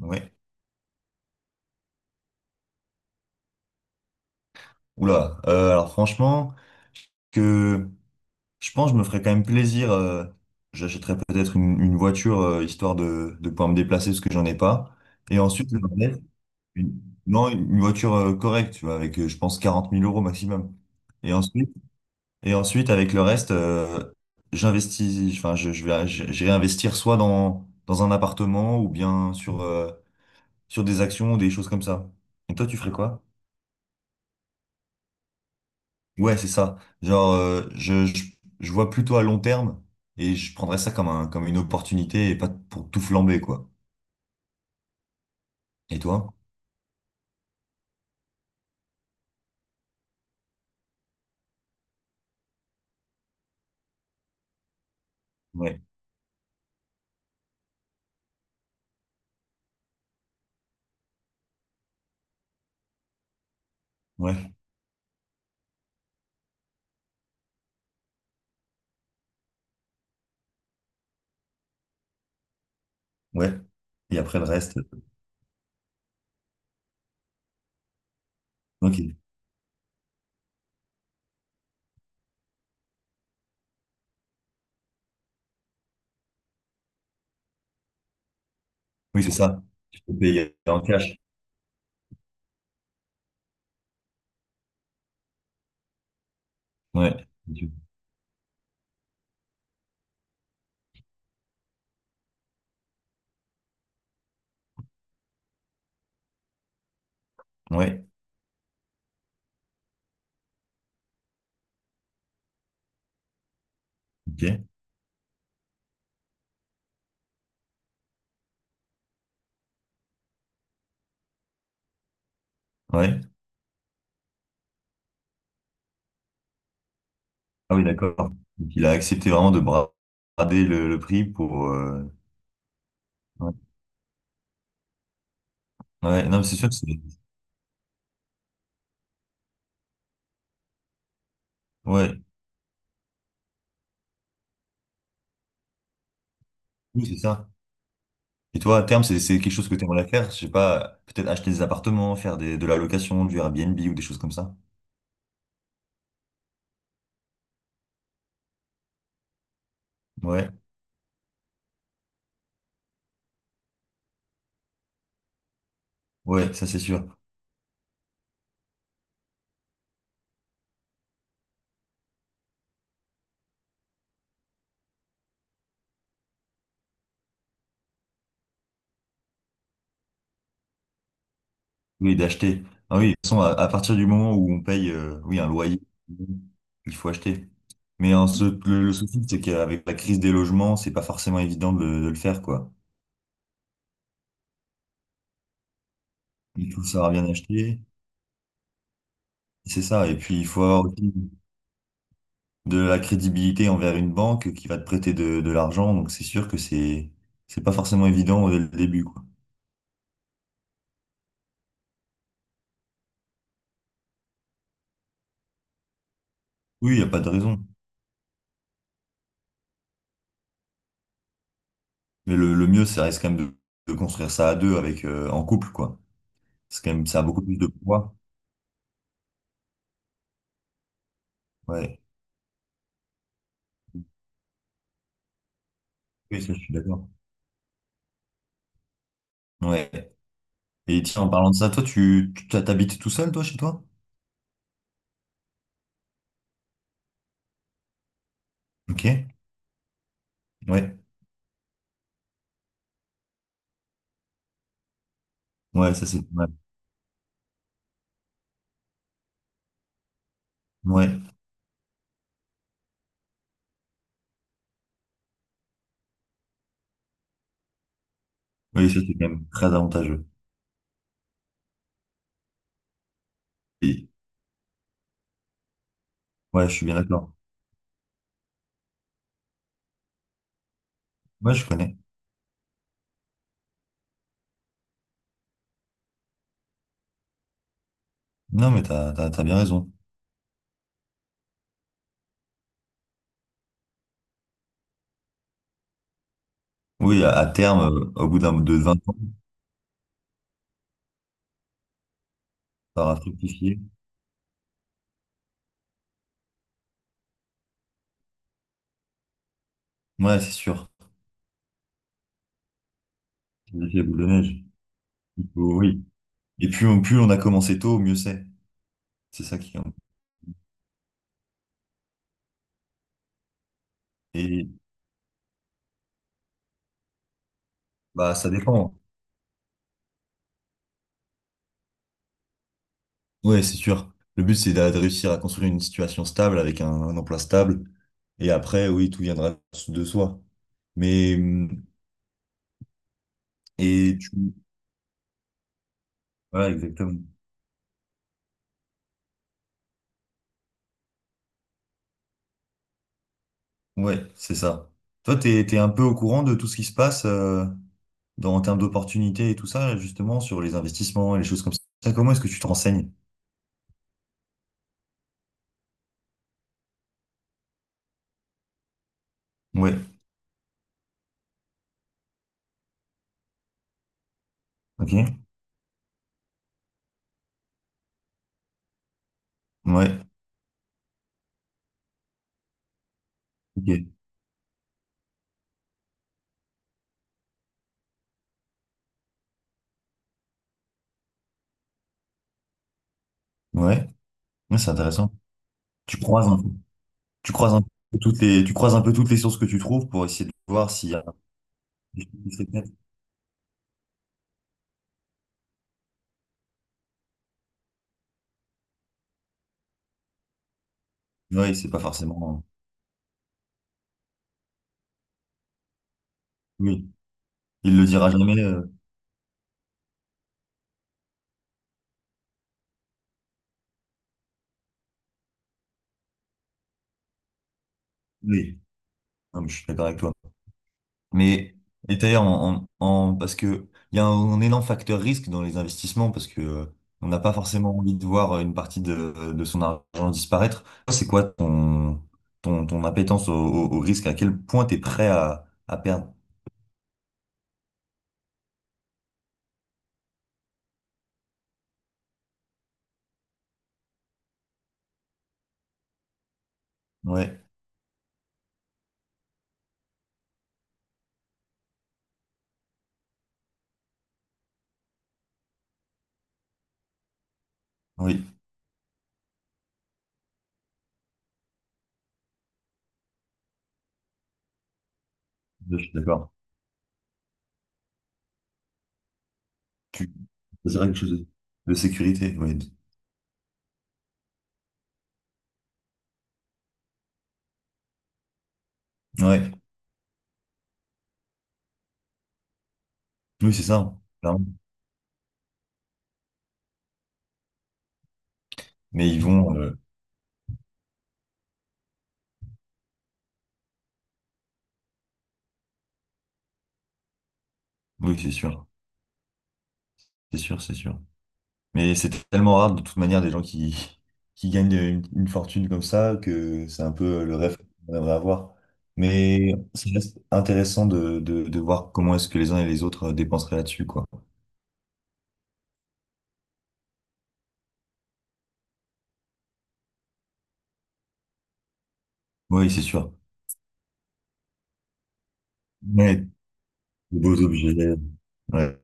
Ouais. Oula. Alors franchement, que je pense que je me ferais quand même plaisir. J'achèterais peut-être une voiture, histoire de pouvoir me déplacer parce que j'en ai pas. Et ensuite, le reste, une, non, une voiture, correcte, tu vois, avec, je pense 40 000 euros maximum. Et ensuite, et ensuite avec le reste, j'investis. Enfin, j'irai investir soit dans un appartement ou bien sur des actions ou des choses comme ça. Et toi, tu ferais quoi? Ouais, c'est ça. Genre, je vois plutôt à long terme et je prendrais ça comme une opportunité et pas pour tout flamber, quoi. Et toi? Ouais, ouais, ouais. Et après le reste, ok. Oui, c'est ça. Je peux payer en cash. Ouais. Ouais, ok. Ouais. Ah oui, d'accord. Donc, il a accepté vraiment de brader le prix pour. Ouais. Ouais, non, mais c'est sûr que c'est. Ouais, oui, c'est ça. Et toi, à terme, c'est quelque chose que tu aimerais faire? Je sais pas, peut-être acheter des appartements, faire de la location, du Airbnb ou des choses comme ça? Ouais, ouais, ça c'est sûr. Oui, d'acheter. Ah oui, de toute façon, à partir du moment où on paye, oui, un loyer, il faut acheter. Mais le souci, c'est qu'avec la crise des logements, c'est pas forcément évident de le faire, quoi. Il faut savoir bien acheter, c'est ça. Et puis, il faut avoir aussi de la crédibilité envers une banque qui va te prêter de l'argent. Donc, c'est sûr que c'est pas forcément évident dès le début, quoi. Oui, il n'y a pas de raison. Mais le mieux, ça reste quand même de construire ça à deux avec, en couple, quoi. C'est quand même, ça a beaucoup plus de poids. Ouais. Oui, ça, je suis d'accord. Ouais. Et tiens, en parlant de ça, toi, tu t'habites tout seul, toi, chez toi? Ok. Ouais. Ouais, ça c'est pas mal. Ouais. Oui, ça c'est quand même très avantageux. Et- ouais, je suis bien d'accord. Ouais, je connais. Non, mais t'as bien raison. Oui, à terme, au bout d'un de 20 ans, ça aura fructifié. Ouais, c'est sûr. C'est l'effet boule de neige. Oui. Et plus on a commencé tôt, mieux c'est. C'est ça qui est. Et bah, ça dépend. Ouais, c'est sûr. Le but, c'est de réussir à construire une situation stable avec un emploi stable. Et après, oui, tout viendra de soi. Mais, et tu. Voilà, exactement. Ouais, c'est ça. Toi, t'es un peu au courant de tout ce qui se passe, en termes d'opportunités et tout ça, justement, sur les investissements et les choses comme ça. Comment est-ce que tu te renseignes? Ouais, ok. Ouais, ok. Ouais, ouais, c'est intéressant. Tu croises un peu. Tu croises un peu toutes les, tu croises un peu toutes les sources que tu trouves pour essayer de voir s'il y a un truc qui se répète. Oui, c'est pas forcément. Oui, il le dira jamais. Oui, non, mais je suis d'accord avec toi. Mais et d'ailleurs, parce que il y a énorme facteur risque dans les investissements parce que, on n'a pas forcément envie de voir une partie de son argent disparaître. Toi, c'est quoi ton appétence au risque? À quel point tu es prêt à perdre? Ouais, oui, je suis d'accord. Tu choisirais quelque chose de sécurité, oui. Ouais, oui, c'est ça, hein, clairement. Mais ils vont, oui, c'est sûr, c'est sûr, c'est sûr. Mais c'est tellement rare, de toute manière, des gens qui, qui gagnent une fortune comme ça, que c'est un peu, le rêve qu'on aimerait avoir. Mais c'est juste intéressant de voir comment est-ce que les uns et les autres, dépenseraient là-dessus, quoi. Oui, c'est sûr. Mais des beaux objets, ouais,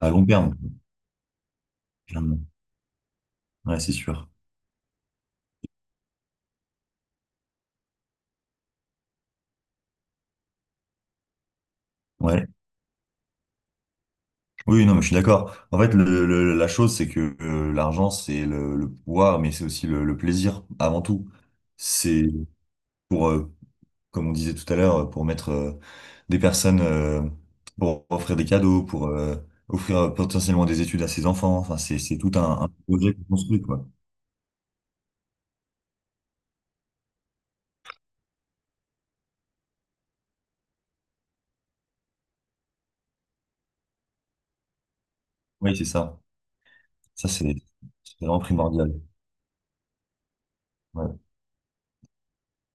à long terme, clairement. Ouais, c'est sûr. Ouais. Oui, non, mais je suis d'accord. En fait, la chose, c'est que, l'argent, c'est le pouvoir, mais c'est aussi le plaisir, avant tout. C'est pour, comme on disait tout à l'heure, pour mettre, des personnes, pour offrir des cadeaux, pour, offrir, potentiellement des études à ses enfants. Enfin, c'est tout un projet qu'on construit, quoi. Oui, c'est ça. Ça, c'est vraiment primordial. Ouais.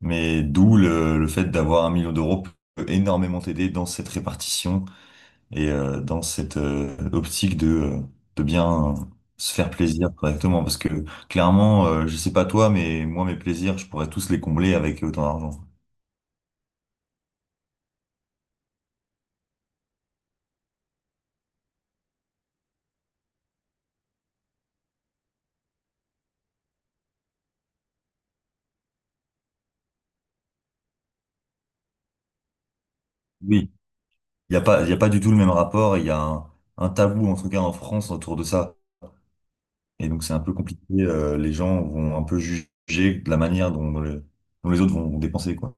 Mais d'où le fait d'avoir 1 million d'euros peut énormément t'aider dans cette répartition. Et, dans cette, optique de bien, se faire plaisir correctement, parce que clairement, je sais pas toi, mais moi, mes plaisirs, je pourrais tous les combler avec autant d'argent. Oui, il y a pas du tout le même rapport, il y a un tabou, en tout cas en France, autour de ça. Et donc, c'est un peu compliqué, les gens vont un peu juger de la manière dont les autres vont dépenser, quoi.